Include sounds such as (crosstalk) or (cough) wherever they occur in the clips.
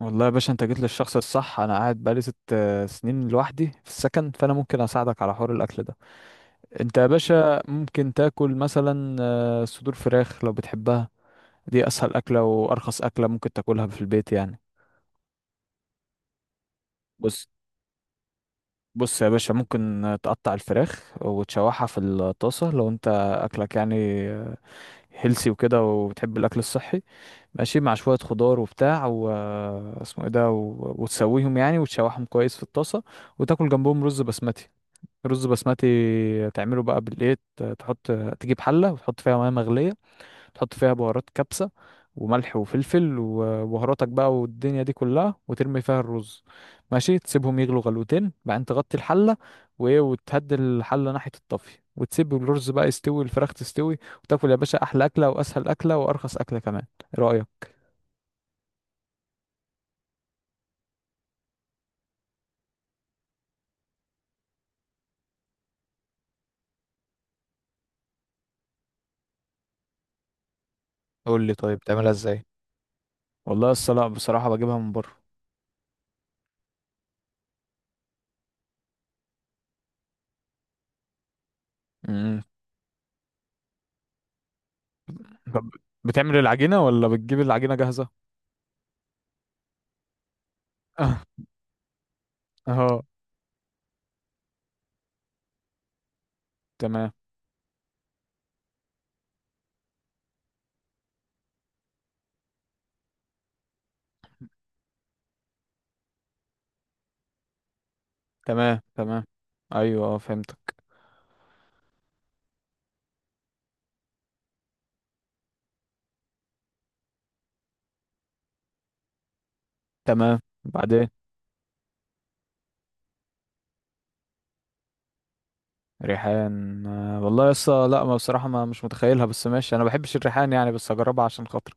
والله يا باشا، انت جيت للشخص الصح. انا قاعد بقالي ست سنين لوحدي في السكن، فانا ممكن اساعدك على حوار الاكل ده. انت يا باشا ممكن تاكل مثلا صدور فراخ لو بتحبها. دي اسهل اكله وارخص اكله ممكن تاكلها في البيت يعني. بص بص يا باشا، ممكن تقطع الفراخ وتشوحها في الطاسه لو انت اكلك يعني هيلسي وكده وبتحب الاكل الصحي، ماشي مع شويه خضار وبتاع و آه، اسمه ايه ده و- وتسويهم يعني وتشوحهم كويس في الطاسه. وتاكل جنبهم رز بسمتي. رز بسمتي تعمله بقى بالايه، تحط. تجيب حله وتحط فيها ميه مغليه، تحط فيها بهارات كبسه وملح وفلفل وبهاراتك بقى والدنيا دي كلها، وترمي فيها الرز. ماشي، تسيبهم يغلوا غلوتين بعدين تغطي الحله، وايه، وتهدي الحله ناحيه الطفي وتسيب الرز بقى يستوي، الفراخ تستوي، وتاكل يا باشا احلى اكله واسهل اكله وارخص اكله كمان. ايه رايك؟ قول لي طيب، بتعملها ازاي؟ والله الصلاة بصراحة بجيبها من بره. امم. طب، بتعمل العجينة ولا بتجيب العجينة جاهزة؟ (laughs) اه. تمام تمام تمام. ايوه، اه، فهمتك. تمام. بعدين. ريحان؟ والله يا اسطى لا، ما بصراحه ما مش متخيلها، بس ماشي، انا ما بحبش الريحان يعني، بس هجربها عشان خاطرك.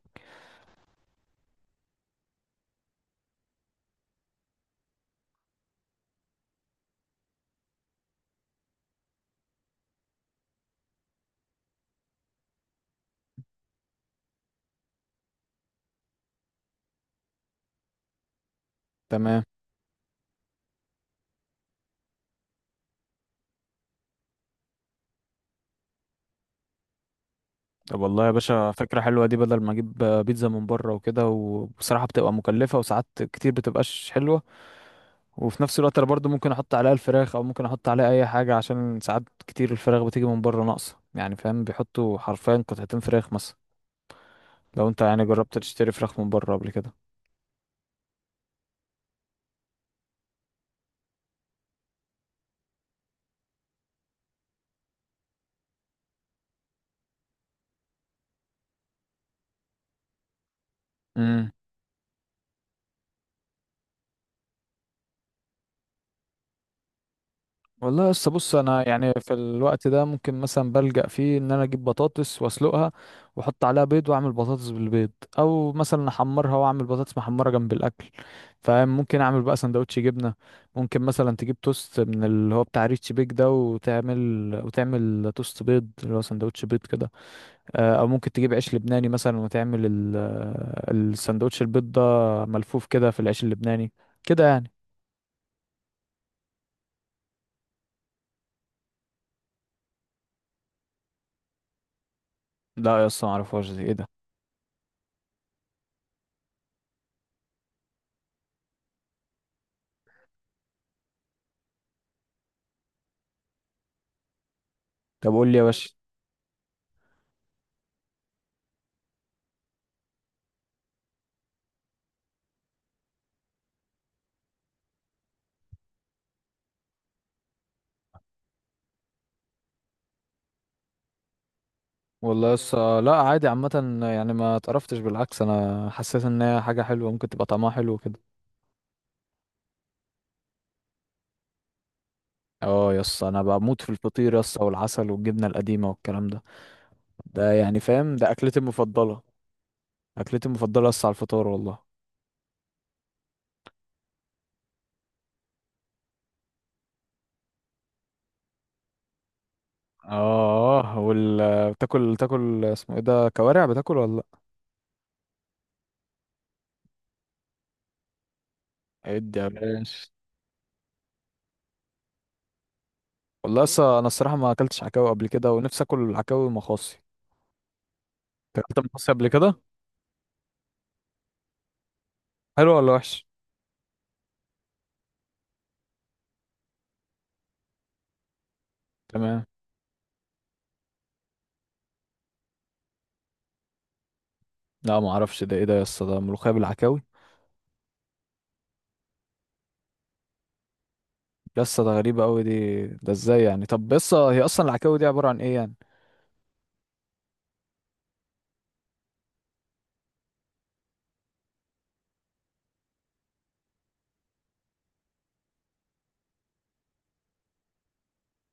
تمام. طب والله يا باشا فكره حلوه دي، بدل ما اجيب بيتزا من بره وكده، وبصراحه بتبقى مكلفه وساعات كتير بتبقاش حلوه. وفي نفس الوقت انا برضو ممكن احط عليها الفراخ، او ممكن احط عليها اي حاجه، عشان ساعات كتير الفراخ بتيجي من بره ناقصه يعني، فاهم، بيحطوا حرفيا قطعتين فراخ مثلا. لو انت يعني جربت تشتري فراخ من بره قبل كده. والله لسه بص، انا يعني في الوقت ده ممكن مثلا بلجأ فيه ان انا اجيب بطاطس واسلقها، واحط عليها بيض واعمل بطاطس بالبيض، او مثلا احمرها واعمل بطاطس محمره جنب الاكل. فممكن اعمل بقى سندوتش جبنه. ممكن مثلا تجيب توست من اللي هو بتاع ريتش بيك ده وتعمل توست بيض اللي هو سندوتش بيض كده. او ممكن تجيب عيش لبناني مثلا وتعمل السندوتش البيض ده ملفوف كده في العيش اللبناني، كده يعني. لا يا اسطى، معرفهاش، دي ايه ده؟ طب قول لي يا باشا. والله لسه لا، عادي عامة يعني، ما اتقرفتش، بالعكس انا حسيت ان هي حاجة حلوة، ممكن تبقى طعمها حلو كده. اه، يس، انا بموت في الفطير يس، والعسل والجبنة القديمة والكلام ده، ده يعني فاهم، ده اكلتي المفضلة. اكلتي المفضلة يس على الفطار والله. اه، بتاكل، تاكل اسمه ايه ده، كوارع، بتاكل ولا لا؟ ادي يا باشا. والله لسه انا الصراحة ما اكلتش عكاوي قبل كده، ونفسي اكل عكاوي مخاصي. أنت اكلت مخاصي قبل كده؟ حلو ولا وحش؟ تمام. لا، ما اعرفش، ده ايه ده؟ يس، ده ملوخية بالعكاوي؟ يسا ده غريبة أوي دي، ده ازاي يعني؟ طب يسا، هي أصلا العكاوي دي عبارة عن ايه يعني؟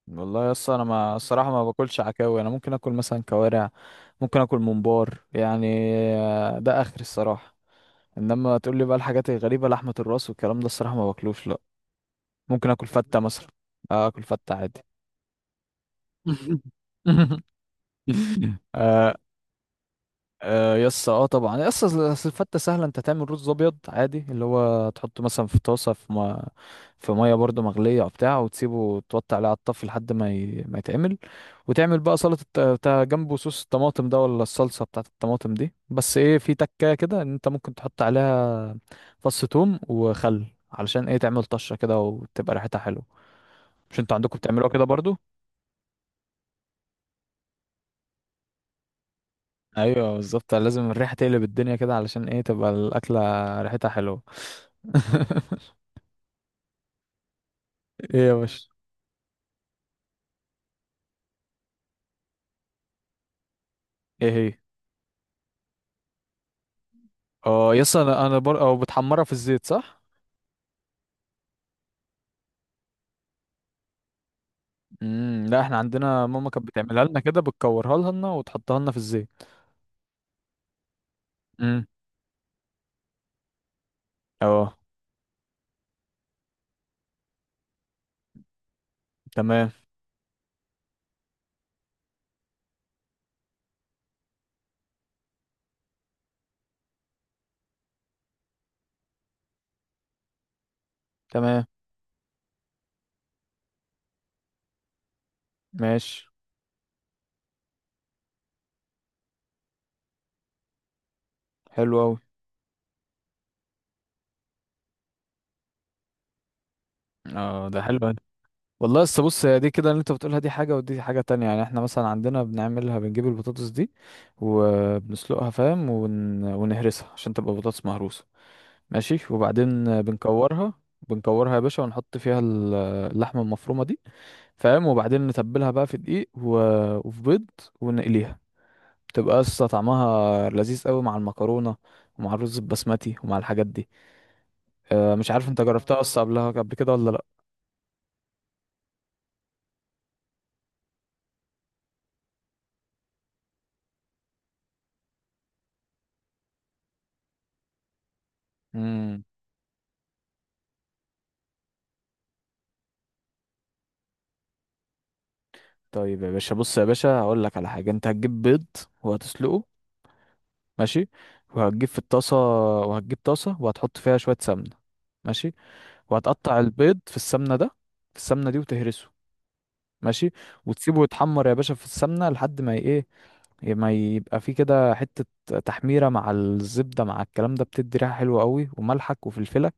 والله يسا، أنا ما الصراحة ما باكلش عكاوي. أنا ممكن أكل مثلا كوارع، ممكن أكل ممبار يعني، ده آخر الصراحة. إنما تقول لي بقى الحاجات الغريبة، لحمة الراس والكلام ده، الصراحة ما باكلوش لأ. ممكن أكل فتة مثلا. أكل فتة عادي. (laughs) (laughs) آه، آه، يس، اه طبعا يس. أصل الفتة سهلة، انت تعمل رز ابيض عادي اللي هو تحطه مثلا في طاسة، في ما في مية برضه مغلية وبتاع، وتسيبه توطي عليه على الطفي لحد ما ما يتعمل. وتعمل بقى سلطة بتاع جنبه، صوص الطماطم ده ولا الصلصة بتاعة الطماطم دي، بس ايه، في تكاية كده ان انت ممكن تحط عليها فص ثوم وخل، علشان ايه، تعمل طشة كده وتبقى ريحتها حلوة. مش انتوا عندكم بتعملوها كده برضو؟ ايوه بالظبط، لازم الريحة تقلب الدنيا كده علشان ايه، تبقى الأكلة ريحتها حلوة. (laughs) ايه يا باشا؟ ايه هي؟ اه يس، انا او بتحمرها في الزيت، صح؟ امم. لا، احنا عندنا ماما كانت بتعملها لنا كده، بتكورها لنا وتحطها لنا في الزيت. امم. اه. تمام تمام. ماشي. حلو قوي. اه، ده حلو أوي. والله لسه بص، هي دي كده اللي انت بتقولها دي حاجه ودي حاجه تانية. يعني احنا مثلا عندنا بنعملها، بنجيب البطاطس دي وبنسلقها، فاهم، ونهرسها عشان تبقى بطاطس مهروسه. ماشي، وبعدين بنكورها. بنكورها يا باشا ونحط فيها اللحمه المفرومه دي، فاهم، وبعدين نتبلها بقى في دقيق وفي بيض، ونقليها. تبقى قصة، طعمها لذيذ قوي مع المكرونة ومع الرز البسمتي ومع الحاجات دي. أه مش عارف، انت جربتها قصة قبلها قبل كده ولا لا؟ امم. طيب يا باشا، بص يا باشا، هقول لك على حاجة. انت هتجيب بيض وهتسلقه، ماشي، وهتجيب في الطاسة، وهتجيب طاسة وهتحط فيها شوية سمنة، ماشي، وهتقطع البيض في السمنة دي وتهرسه، ماشي، وتسيبه يتحمر يا باشا في السمنه لحد ما ايه، ما يبقى فيه كده حته تحميره، مع الزبده مع الكلام ده، بتدي ريحه حلوه قوي. وملحك وفلفلك،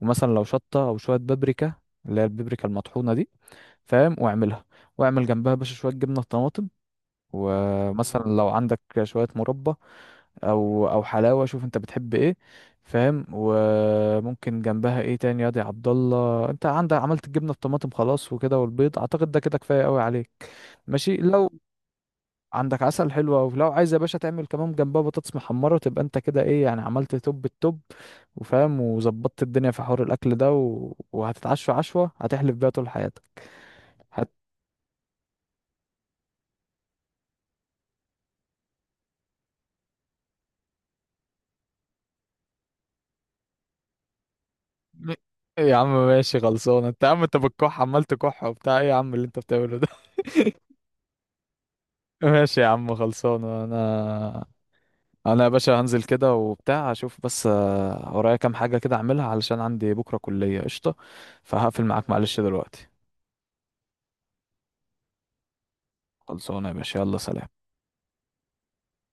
ومثلا لو شطه او شويه بابريكا، اللي هي البابريكا المطحونه دي، فاهم، واعملها، واعمل جنبها يا باشا شويه جبنه طماطم، ومثلا لو عندك شويه مربى او حلاوه، شوف انت بتحب ايه، فاهم، وممكن جنبها ايه تاني يا دي عبد الله؟ انت عندك عملت الجبنه بطماطم خلاص وكده، والبيض، اعتقد ده كده كفايه قوي عليك. ماشي، لو عندك عسل، حلو أوي، لو عايز يا باشا تعمل كمان جنبها بطاطس محمره، تبقى انت كده ايه يعني، عملت توب التوب، وفاهم، وظبطت الدنيا في حوار الاكل ده، وهتتعشى عشوه هتحلف بيها طول حياتك. هت... م- يا عم ماشي خلصانه. انت يا عم، انت بتكح عمال تكح وبتاع، ايه يا عم اللي انت بتعمله ده؟ (laughs) ماشي يا عم خلصانة. انا، انا يا باشا هنزل كده وبتاع، اشوف بس ورايا كام حاجة كده اعملها، علشان عندي بكرة كلية قشطة، فهقفل معاك، معلش دلوقتي. خلصانة يا باشا، يلا سلام.